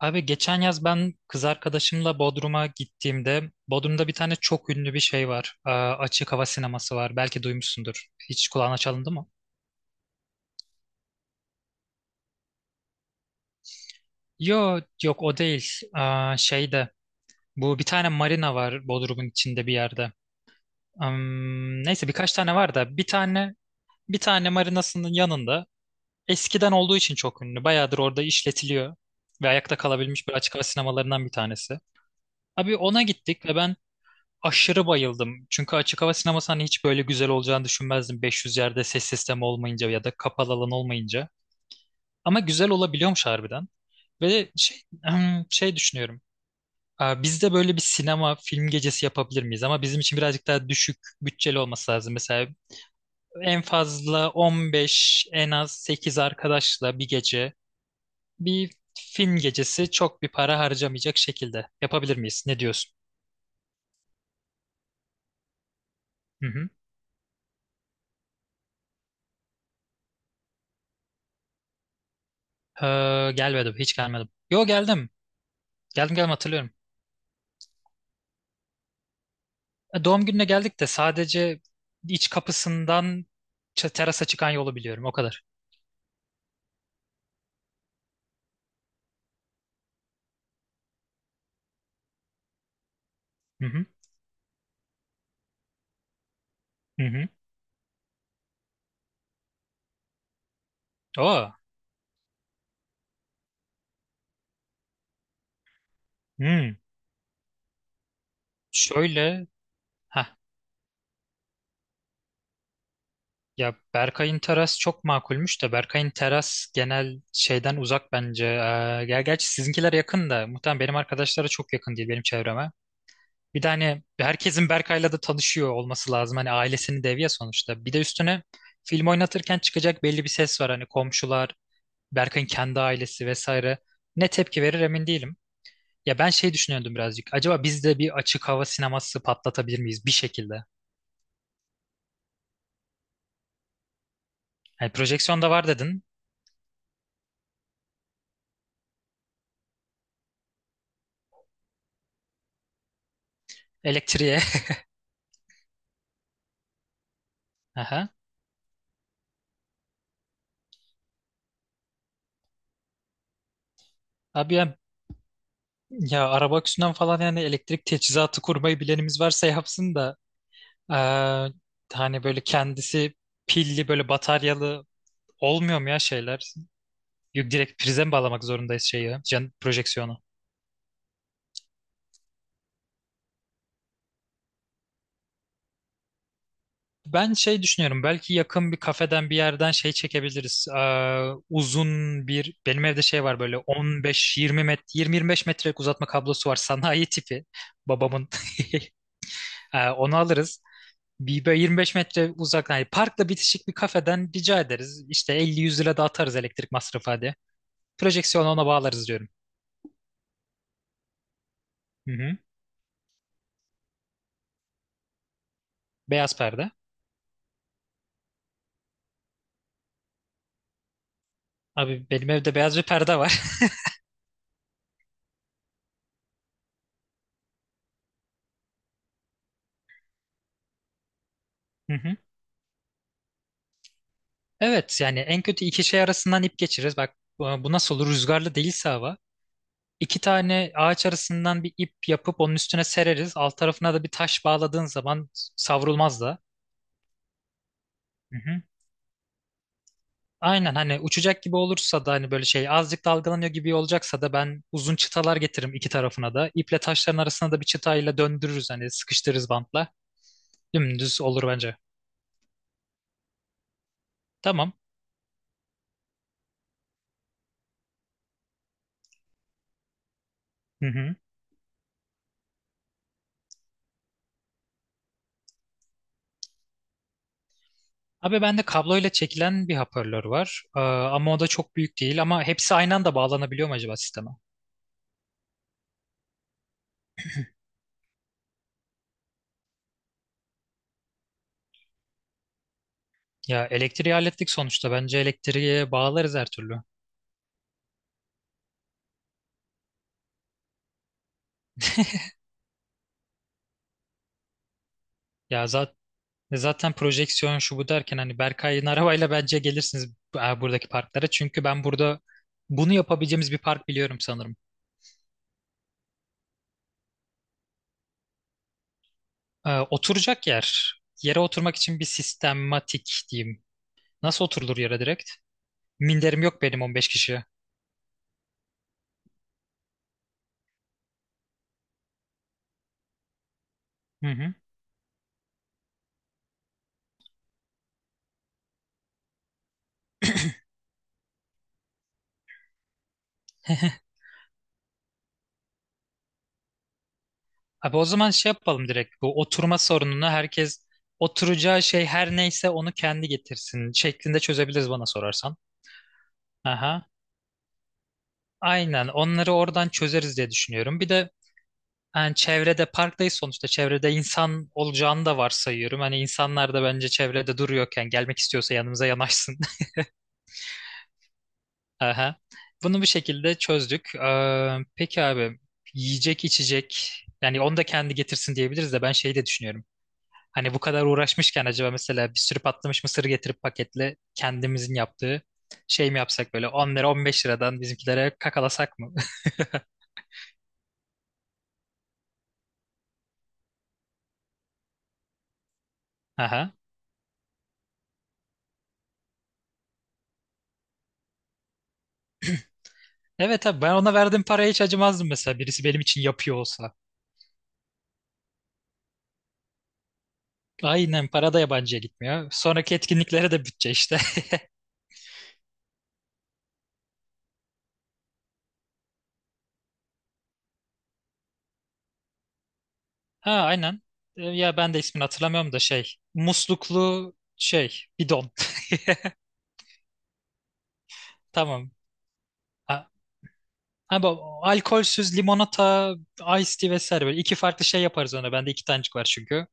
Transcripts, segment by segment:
Abi geçen yaz ben kız arkadaşımla Bodrum'a gittiğimde Bodrum'da bir tane çok ünlü bir şey var. Açık hava sineması var. Belki duymuşsundur. Hiç kulağına çalındı mı? Yo, yok o değil. Şeyde bu bir tane marina var Bodrum'un içinde bir yerde. Neyse birkaç tane var da bir tane marinasının yanında eskiden olduğu için çok ünlü. Bayağıdır orada işletiliyor ve ayakta kalabilmiş bir açık hava sinemalarından bir tanesi. Abi ona gittik ve ben aşırı bayıldım. Çünkü açık hava sineması hani hiç böyle güzel olacağını düşünmezdim. 500 yerde ses sistemi olmayınca ya da kapalı alan olmayınca. Ama güzel olabiliyormuş harbiden. Ve şey, şey düşünüyorum. Biz de böyle bir sinema film gecesi yapabilir miyiz? Ama bizim için birazcık daha düşük bütçeli olması lazım. Mesela en fazla 15, en az 8 arkadaşla bir gece bir film gecesi çok bir para harcamayacak şekilde yapabilir miyiz? Ne diyorsun? Hı hı. Gelmedim, hiç gelmedim. Yo geldim. Geldim geldim hatırlıyorum. E, Doğum gününe geldik de sadece iç kapısından terasa çıkan yolu biliyorum o kadar. Hı hı. Hı hı. Oo. Hmm. Şöyle. Ha. Ya Berkay'ın teras çok makulmüş de Berkay'ın teras genel şeyden uzak bence. Gerçi sizinkiler yakın da muhtemelen benim arkadaşlara çok yakın değil benim çevreme. Bir de hani herkesin Berkay'la da tanışıyor olması lazım. Hani ailesini deviye sonuçta. Bir de üstüne film oynatırken çıkacak belli bir ses var. Hani komşular Berkay'ın kendi ailesi vesaire ne tepki verir emin değilim. Ya ben şey düşünüyordum birazcık. Acaba biz de bir açık hava sineması patlatabilir miyiz bir şekilde? Yani projeksiyon da var dedin. Elektriğe. Aha. Abi ya, ya araba aküsünden falan yani elektrik teçhizatı kurmayı bilenimiz varsa yapsın da eee, hani böyle kendisi pilli böyle bataryalı olmuyor mu ya şeyler? Yok direkt prize mi bağlamak zorundayız şeyi, can, projeksiyonu? Ben şey düşünüyorum belki yakın bir kafeden bir yerden şey çekebiliriz. Uzun bir benim evde şey var böyle 15-20 met 20-25 metrelik uzatma kablosu var sanayi tipi babamın. Onu alırız. Bir böyle 25 metre uzak hani parkla bitişik bir kafeden rica ederiz. İşte 50-100 lira da atarız elektrik masrafı hadi. Projeksiyonu ona bağlarız diyorum. Hı hı. Beyaz perde. Abi benim evde beyaz bir perde var. Hı hı. Evet yani en kötü iki şey arasından ip geçiririz. Bak bu nasıl olur rüzgarlı değilse hava. İki tane ağaç arasından bir ip yapıp onun üstüne sereriz. Alt tarafına da bir taş bağladığın zaman savrulmaz da. Hı hı. Aynen hani uçacak gibi olursa da hani böyle şey azıcık dalgalanıyor gibi olacaksa da ben uzun çıtalar getiririm iki tarafına da. İple taşların arasına da bir çıtayla döndürürüz hani sıkıştırırız bantla. Dümdüz olur bence. Tamam. Hı hı. Abi bende kabloyla çekilen bir hoparlör var. Ama o da çok büyük değil ama hepsi aynı anda bağlanabiliyor mu acaba sisteme? Ya elektriği hallettik sonuçta. Bence elektriğe bağlarız her türlü. Ya zaten Ve Zaten projeksiyon şu bu derken hani Berkay'ın arabayla bence gelirsiniz buradaki parklara. Çünkü ben burada bunu yapabileceğimiz bir park biliyorum sanırım. Oturacak yer. Yere oturmak için bir sistematik diyeyim. Nasıl oturulur yere direkt? Minderim yok benim 15 kişiye. Hı hı. Abi o zaman şey yapalım direkt. Bu oturma sorununu herkes oturacağı şey her neyse onu kendi getirsin şeklinde çözebiliriz bana sorarsan. Aha. Aynen onları oradan çözeriz diye düşünüyorum. Bir de Yani çevrede parktayız sonuçta. Çevrede insan olacağını da varsayıyorum. Hani insanlar da bence çevrede duruyorken gelmek istiyorsa yanımıza yanaşsın. Aha. Bunu bir şekilde çözdük. Peki abi yiyecek içecek yani onu da kendi getirsin diyebiliriz de ben şeyi de düşünüyorum. Hani bu kadar uğraşmışken acaba mesela bir sürü patlamış mısır getirip paketle kendimizin yaptığı şey mi yapsak böyle 10 lira 15 liradan bizimkilere kakalasak mı? Aha. Evet abi ben ona verdiğim paraya hiç acımazdım mesela birisi benim için yapıyor olsa. Aynen para da yabancıya gitmiyor. Sonraki etkinliklere de bütçe işte. Ha aynen. Ya ben de ismini hatırlamıyorum da şey. Musluklu şey bidon. Tamam. Ha, ama alkolsüz limonata, ice tea vesaire böyle iki farklı şey yaparız ona. Bende iki tanecik var çünkü.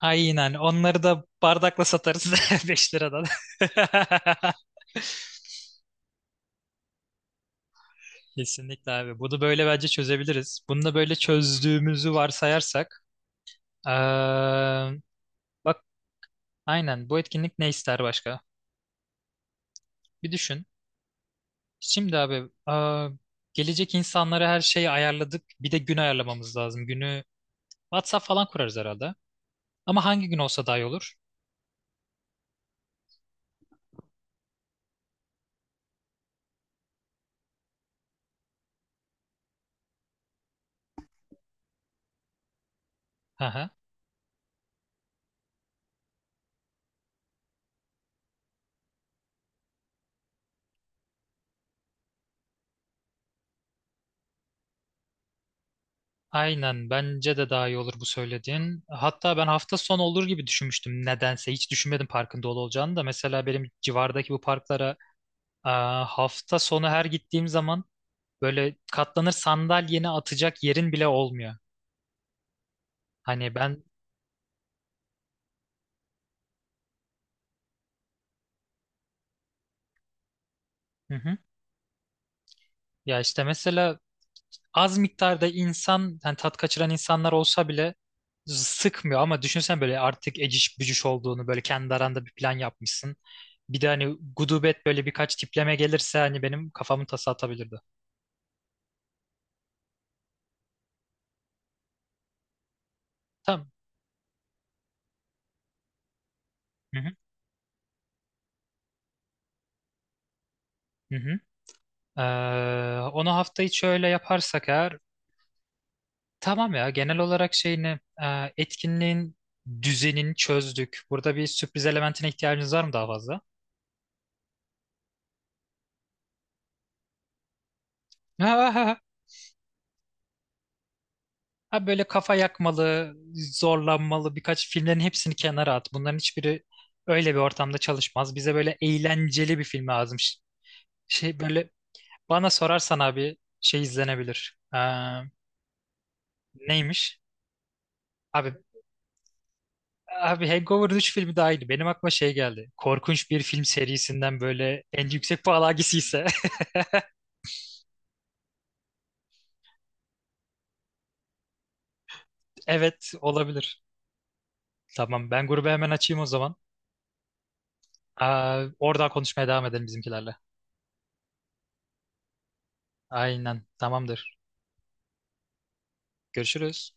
Aynen. Onları da bardakla satarız 5 liradan. Kesinlikle abi. Bunu böyle bence çözebiliriz. Bunu da böyle çözdüğümüzü varsayarsak. eee, bak aynen bu etkinlik ne ister başka? Bir düşün. Şimdi abi gelecek insanlara her şeyi ayarladık. Bir de gün ayarlamamız lazım. Günü WhatsApp falan kurarız herhalde. Ama hangi gün olsa daha iyi olur? Hı hı. Aynen bence de daha iyi olur bu söylediğin. Hatta ben hafta sonu olur gibi düşünmüştüm nedense. Hiç düşünmedim parkın dolu olacağını da. Mesela benim civardaki bu parklara hafta sonu her gittiğim zaman böyle katlanır sandalyeni atacak yerin bile olmuyor. Hani ben... Hı hı. Ya işte mesela az miktarda insan yani tat kaçıran insanlar olsa bile sıkmıyor ama düşünsen böyle artık eciş bücüş olduğunu böyle kendi aranda bir plan yapmışsın. Bir de hani gudubet böyle birkaç tipleme gelirse hani benim kafamın tası atabilirdi. Tamam. Hı hı. Hı hı. Ee, onu hafta içi öyle yaparsak eğer tamam ya genel olarak şeyini etkinliğin düzenini çözdük. Burada bir sürpriz elementine ihtiyacınız var mı daha fazla? Ha böyle kafa yakmalı, zorlanmalı birkaç filmlerin hepsini kenara at. Bunların hiçbiri öyle bir ortamda çalışmaz. Bize böyle eğlenceli bir film lazım. Şey böyle bana sorarsan abi şey izlenebilir. Neymiş? Abi abi Hangover 3 filmi daha iyiydi. Benim aklıma şey geldi. Korkunç bir film serisinden böyle en yüksek puan hangisiyse. Evet olabilir. Tamam ben grubu hemen açayım o zaman. Oradan konuşmaya devam edelim bizimkilerle. Aynen tamamdır. Görüşürüz.